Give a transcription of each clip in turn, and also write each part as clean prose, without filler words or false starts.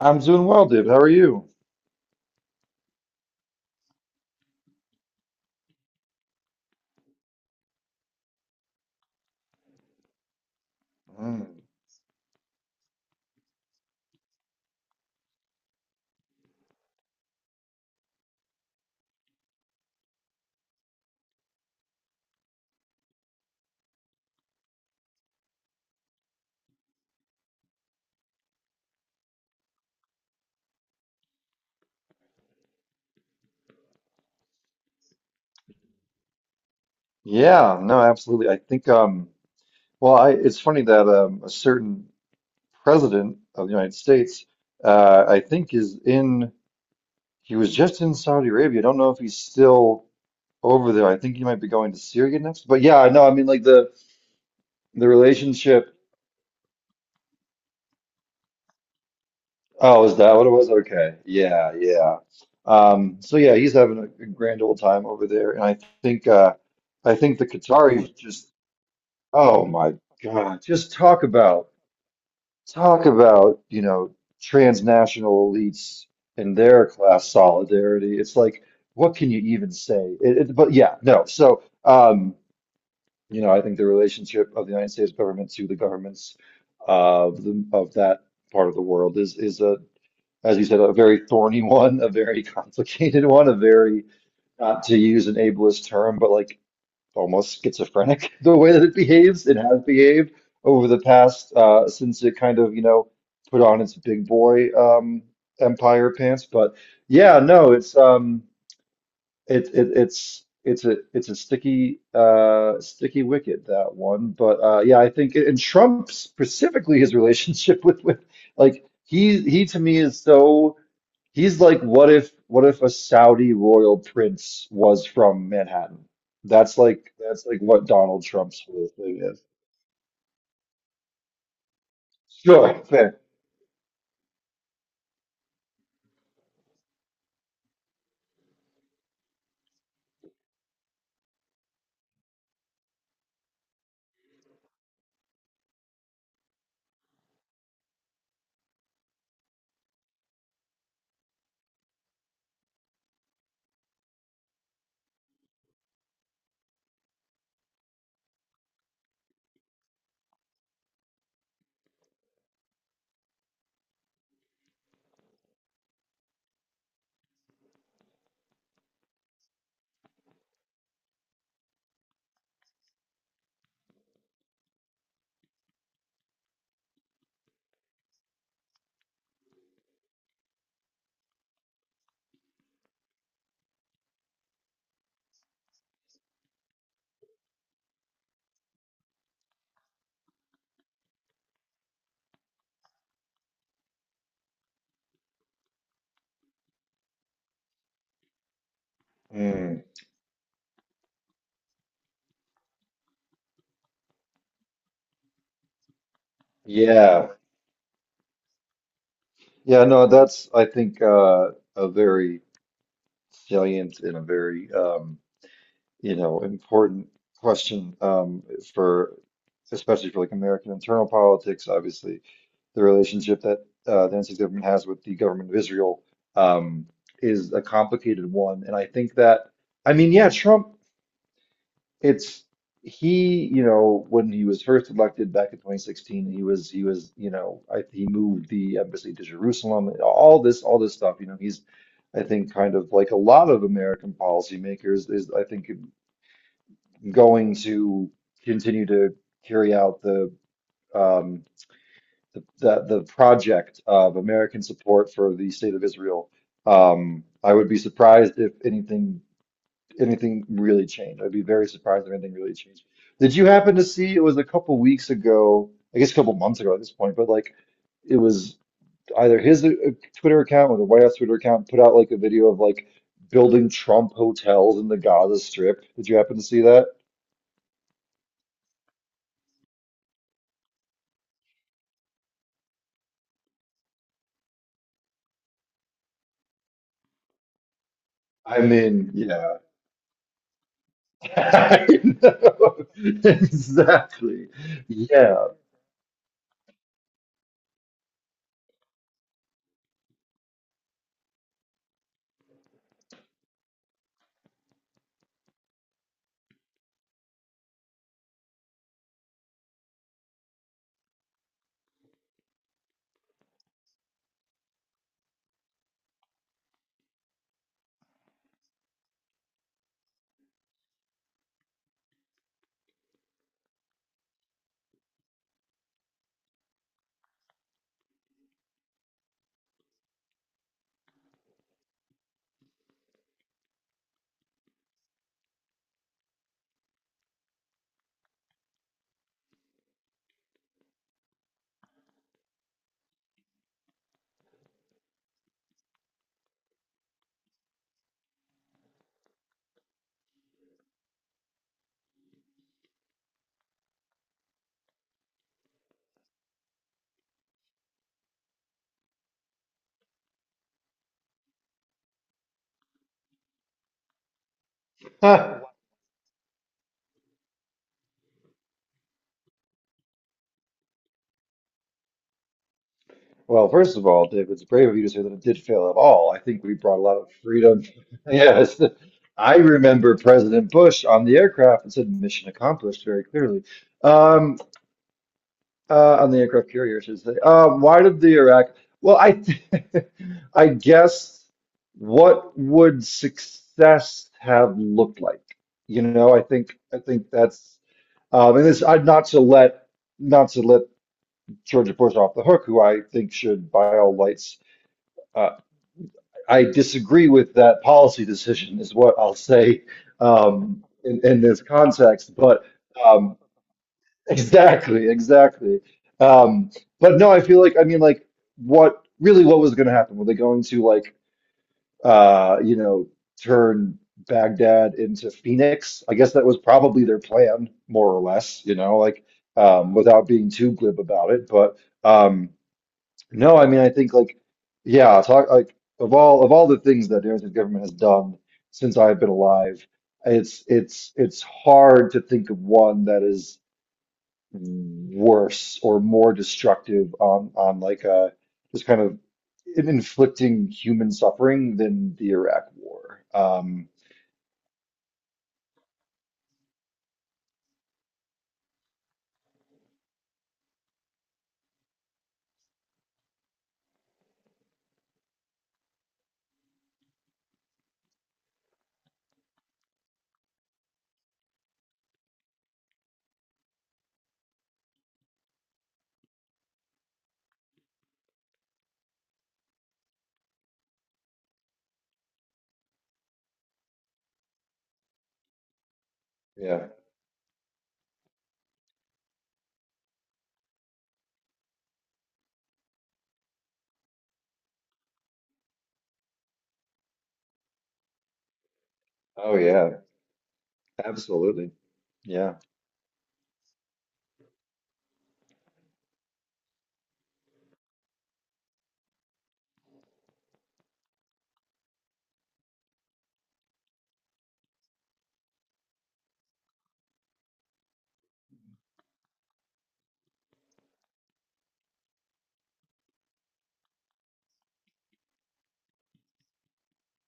I'm doing well, Dave. How are you? Mm. Yeah, no, absolutely. I think, well, it's funny that a certain president of the United States, I think, is in. He was just in Saudi Arabia. I don't know if he's still over there. I think he might be going to Syria next. But yeah, no, I mean, like the relationship. Oh, is that what it was? Okay, yeah, yeah. So yeah, he's having a grand old time over there, and I think the Qataris just. Oh my God. Just talk about transnational elites and their class solidarity. It's like, what can you even say? But yeah, no. So you know, I think the relationship of the United States government to the governments of that part of the world is, as you said, a very thorny one, a very complicated one, a very, not to use an ableist term, but like almost schizophrenic the way that it behaves. It has behaved over the past since it kind of, you know, put on its big boy empire pants. But yeah, no, it's it, it it's a sticky sticky wicket, that one. But yeah, I think, and Trump specifically, his relationship with like he to me is so. He's like, what if a Saudi royal prince was from Manhattan? That's like what Donald Trump's whole thing is. Sure, fair. Mm, yeah. Yeah, no, that's I think a very salient and a very you know important question for especially for like American internal politics, obviously. The relationship that the NC government has with the government of Israel um, is a complicated one. And I think that, I mean, yeah, Trump, it's you know, when he was first elected back in 2016, he was, you know, he moved the embassy to Jerusalem, all this stuff. You know, he's, I think, kind of like a lot of American policymakers, is I think going to continue to carry out the um, the project of American support for the state of Israel. I would be surprised if anything really changed. I'd be very surprised if anything really changed. Did you happen to see, it was a couple weeks ago, I guess a couple months ago at this point, but like it was either his Twitter account or the White House Twitter account, put out like a video of like building Trump hotels in the Gaza Strip. Did you happen to see that? I mean, yeah. I know. Exactly. Yeah. Ah, well, first of all, Dave, it's brave of you to say that it did fail at all. I think we brought a lot of freedom. Yes, I remember President Bush on the aircraft and said mission accomplished very clearly. Um, on the aircraft carrier, I should say. Why did the Iraq? Well, th- I guess what would success have looked like? You know, I think that's and this I'd not to let Georgia Bush off the hook, who I think should, by all lights, uh, I disagree with that policy decision, is what I'll say in this context. But um, exactly. Um, but no, I feel like, I mean, like, what really, what was going to happen? Were they going to, like, you know, turn Baghdad into Phoenix? I guess that was probably their plan, more or less, you know, like, without being too glib about it. But, um, no, I mean, I think like, yeah, talk like of all the things that the Argentine government has done since I've been alive, it's hard to think of one that is worse or more destructive on like just kind of inflicting human suffering than the Iraq War. Yeah. Oh yeah, absolutely. Yeah.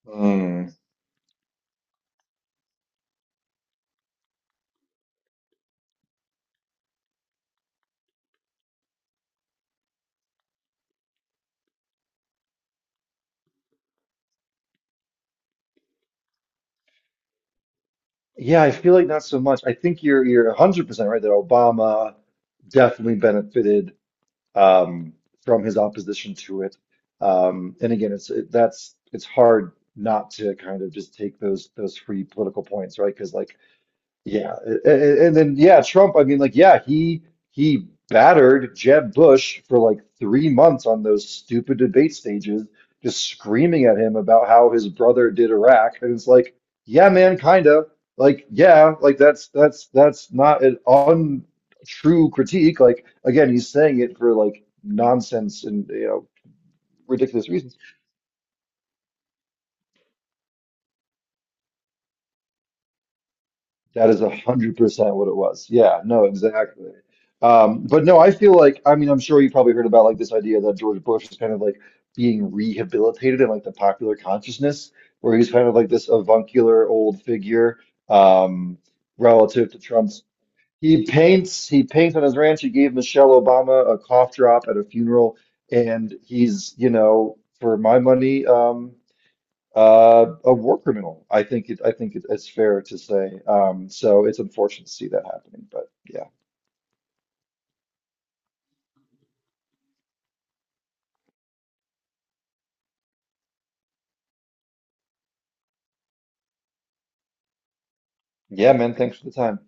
Mm. Yeah, I feel like not so much. I think you're 100% right that Obama definitely benefited, um, from his opposition to it. And again, it's it, that's it's hard not to kind of just take those free political points, right? Because like yeah, and then yeah, Trump. I mean, like, yeah, he battered Jeb Bush for like 3 months on those stupid debate stages, just screaming at him about how his brother did Iraq, and it's like, yeah, man, kind of like, yeah, like that's not an untrue critique. Like, again, he's saying it for like nonsense and ridiculous reasons. That is 100% what it was. Yeah, no, exactly. But no, I feel like, I mean, I'm sure you probably heard about like this idea that George Bush is kind of like being rehabilitated in like the popular consciousness, where he's kind of like this avuncular old figure, um, relative to Trump's. He paints on his ranch. He gave Michelle Obama a cough drop at a funeral, and he's, you know, for my money, a war criminal. I think it, it's fair to say. So it's unfortunate to see that happening, but yeah, yeah, man. Thanks for the time.